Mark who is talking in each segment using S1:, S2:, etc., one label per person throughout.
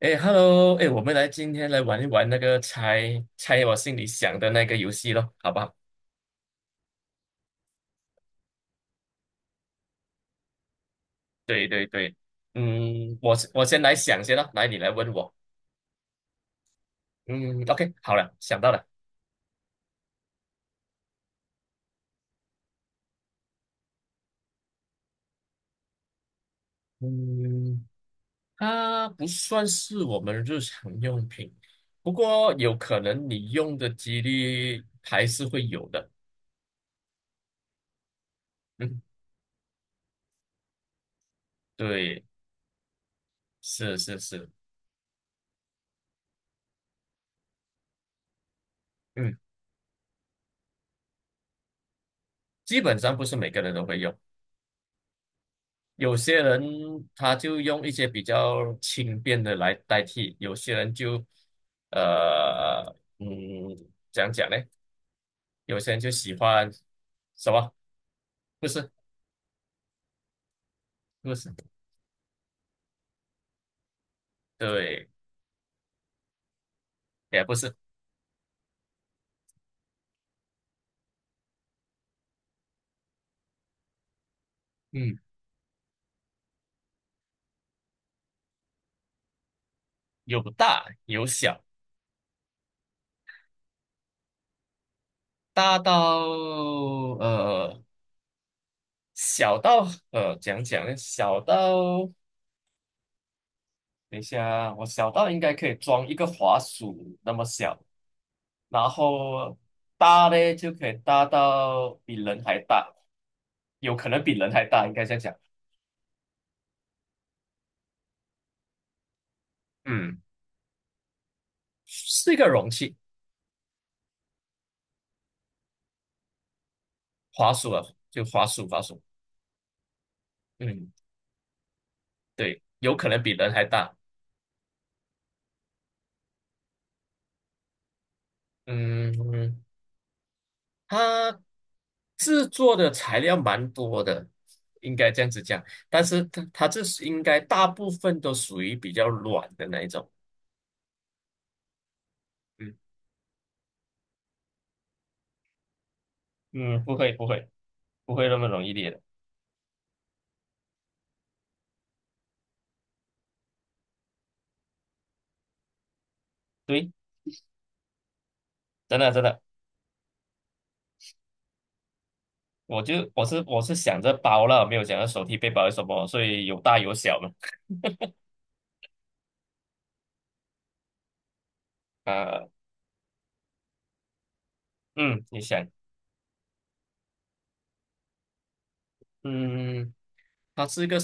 S1: 哎，Hello，哎，我们来今天来玩一玩那个猜猜我心里想的那个游戏咯，好不好？对对对，嗯，我先来想先咯，来你来问我，嗯，OK，好了，想到了，嗯，它不算是我们日常用品，不过有可能你用的几率还是会有的，嗯，对，是是是，嗯，基本上不是每个人都会用。有些人他就用一些比较轻便的来代替，有些人就呃嗯怎样讲呢，有些人就喜欢什么？不是不是，对，也不是，嗯，有大有小，大到呃小到怎样讲呢，小到等一下啊，我小到应该可以装一个滑鼠那么小。然后大嘞就可以大到比人还大，有可能比人还大，应该这样讲。嗯，是一个容器，滑鼠啊，就滑鼠，滑鼠。嗯，对，有可能比人还大。嗯，它制作的材料蛮多的，应该这样子讲。但是它这是应该大部分都属于比较软的那一种。嗯嗯，不会不会不会那么容易裂的。对，真的真的。我是想着包了，没有想着手提背包是什么，所以有大有小嘛。呃，嗯，你想，嗯，它是一个，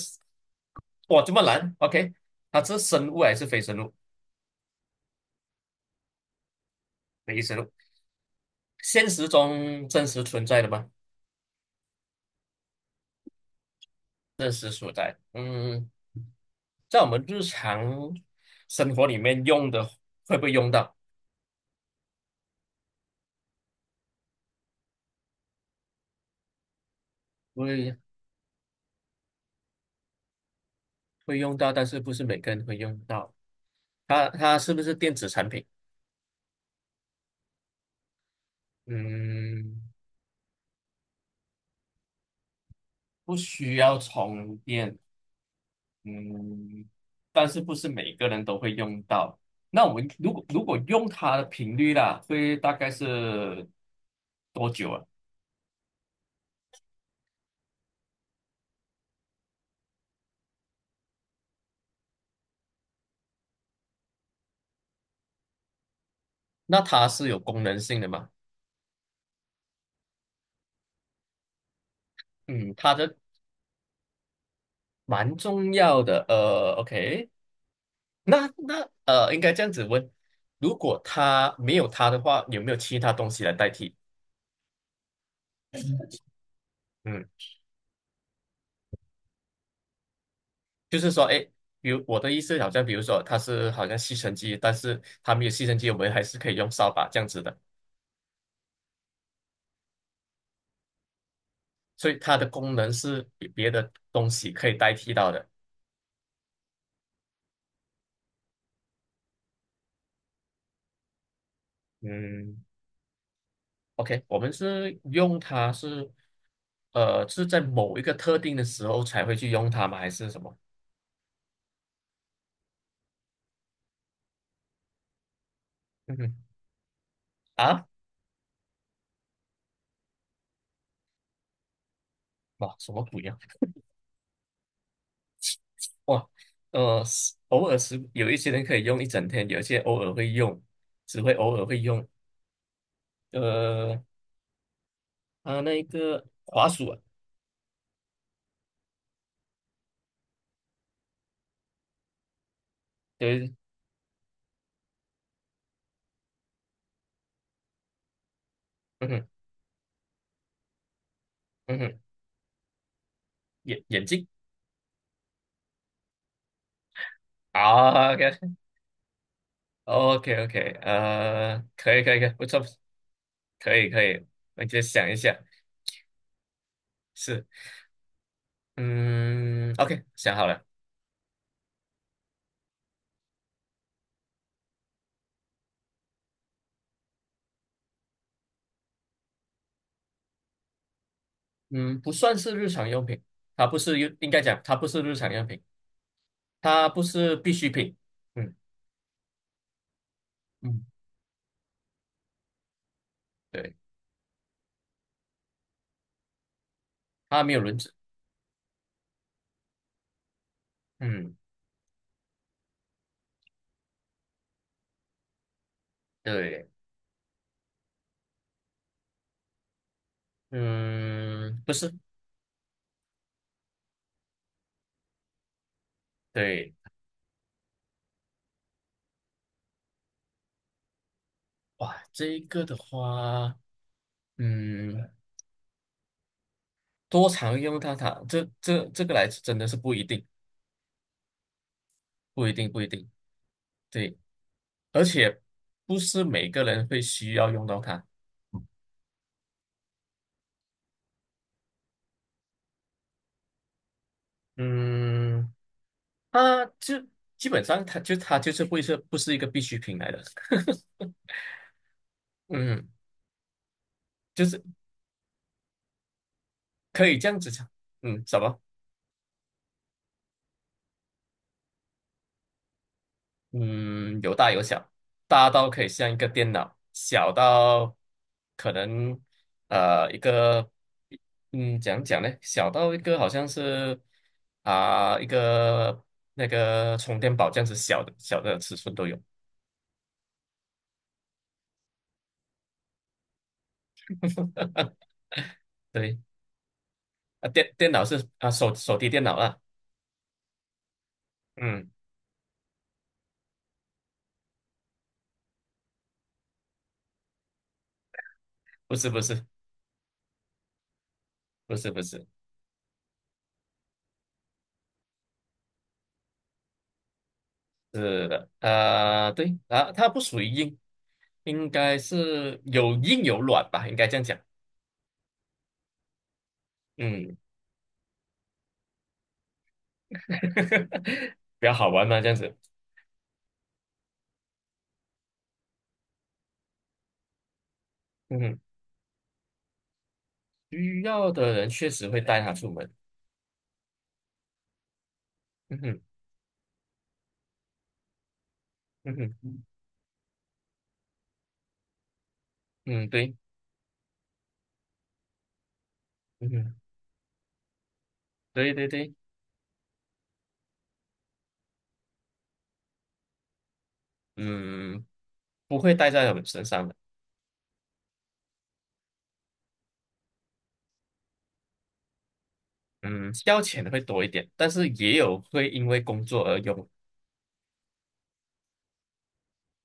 S1: 哇，这么难？OK，它是生物还是非生物？非生物，现实中真实存在的吗？真实所在，嗯，在我们日常生活里面用的会不会用到？会会用到，但是不是每个人会用到？它是不是电子产品？嗯，不需要充电。嗯，但是不是每个人都会用到？那我们如果用它的频率啦，会大概是多久啊？那它是有功能性的嘛？嗯，它的蛮重要的。呃，OK，那，应该这样子问：如果它没有它的话，有没有其他东西来代替？嗯，就是说，哎，比如我的意思，好像比如说它是好像吸尘机，但是它没有吸尘机，我们还是可以用扫把这样子的。所以它的功能是比别的东西可以代替到的。嗯，OK，我们是用它是是在某一个特定的时候才会去用它吗？还是什么？嗯哼，啊，哇，什么鬼呀、哇，呃，是偶尔是有一些人可以用一整天，有一些偶尔会用，只会偶尔会用。呃，啊，那一个滑鼠啊，对，嗯哼，嗯哼，眼镜啊，OK，OK，OK，呃，可以，可以，可以，不错。可以可以，我就想一下，是，嗯，OK，想好了，嗯，不算是日常用品，它不是用，应该讲它不是日常用品，它不是必需品，嗯嗯，对，它没有轮子，嗯，对，嗯，不是，对，哇，这一个的话，嗯，多常用它，它这个来真的是不一定，不一定，不一定，对，而且不是每个人会需要用到它，嗯。啊，就基本上它就是会是不是一个必需品来的，嗯，就是可以这样子讲，嗯，什么？嗯，有大有小，大到可以像一个电脑，小到可能一个，嗯，讲讲呢？小到一个好像是啊、一个那个充电宝这样子小的小的尺寸都有，对，啊电脑是啊手提电脑啊，嗯，不是不是不是。是的，啊，对啊，它不属于硬，应该是有硬有软吧，应该这样讲。嗯，比较好玩嘛，这样子。嗯哼，需要的人确实会带它出门。嗯哼，嗯哼，嗯，对，嗯哼，对对对，嗯，不会带在我们身上的。嗯，消遣的会多一点，但是也有会因为工作而用。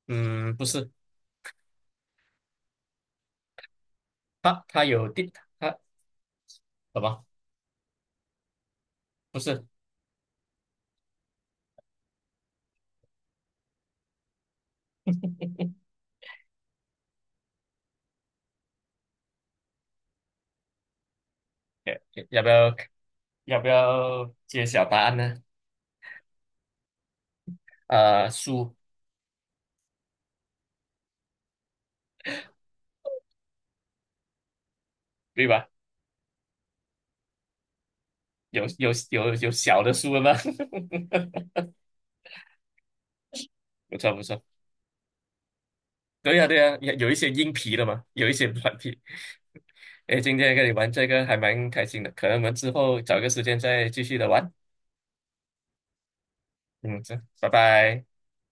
S1: 嗯，不是，它它有电，它什么？不是，要要不要要不要揭晓答案呢？呃，书。对吧？有小的书了吗？不错不错，对呀、有有一些硬皮的嘛，有一些软皮。哎，今天跟你玩这个还蛮开心的，可能我们之后找个时间再继续的玩。嗯，这，拜拜。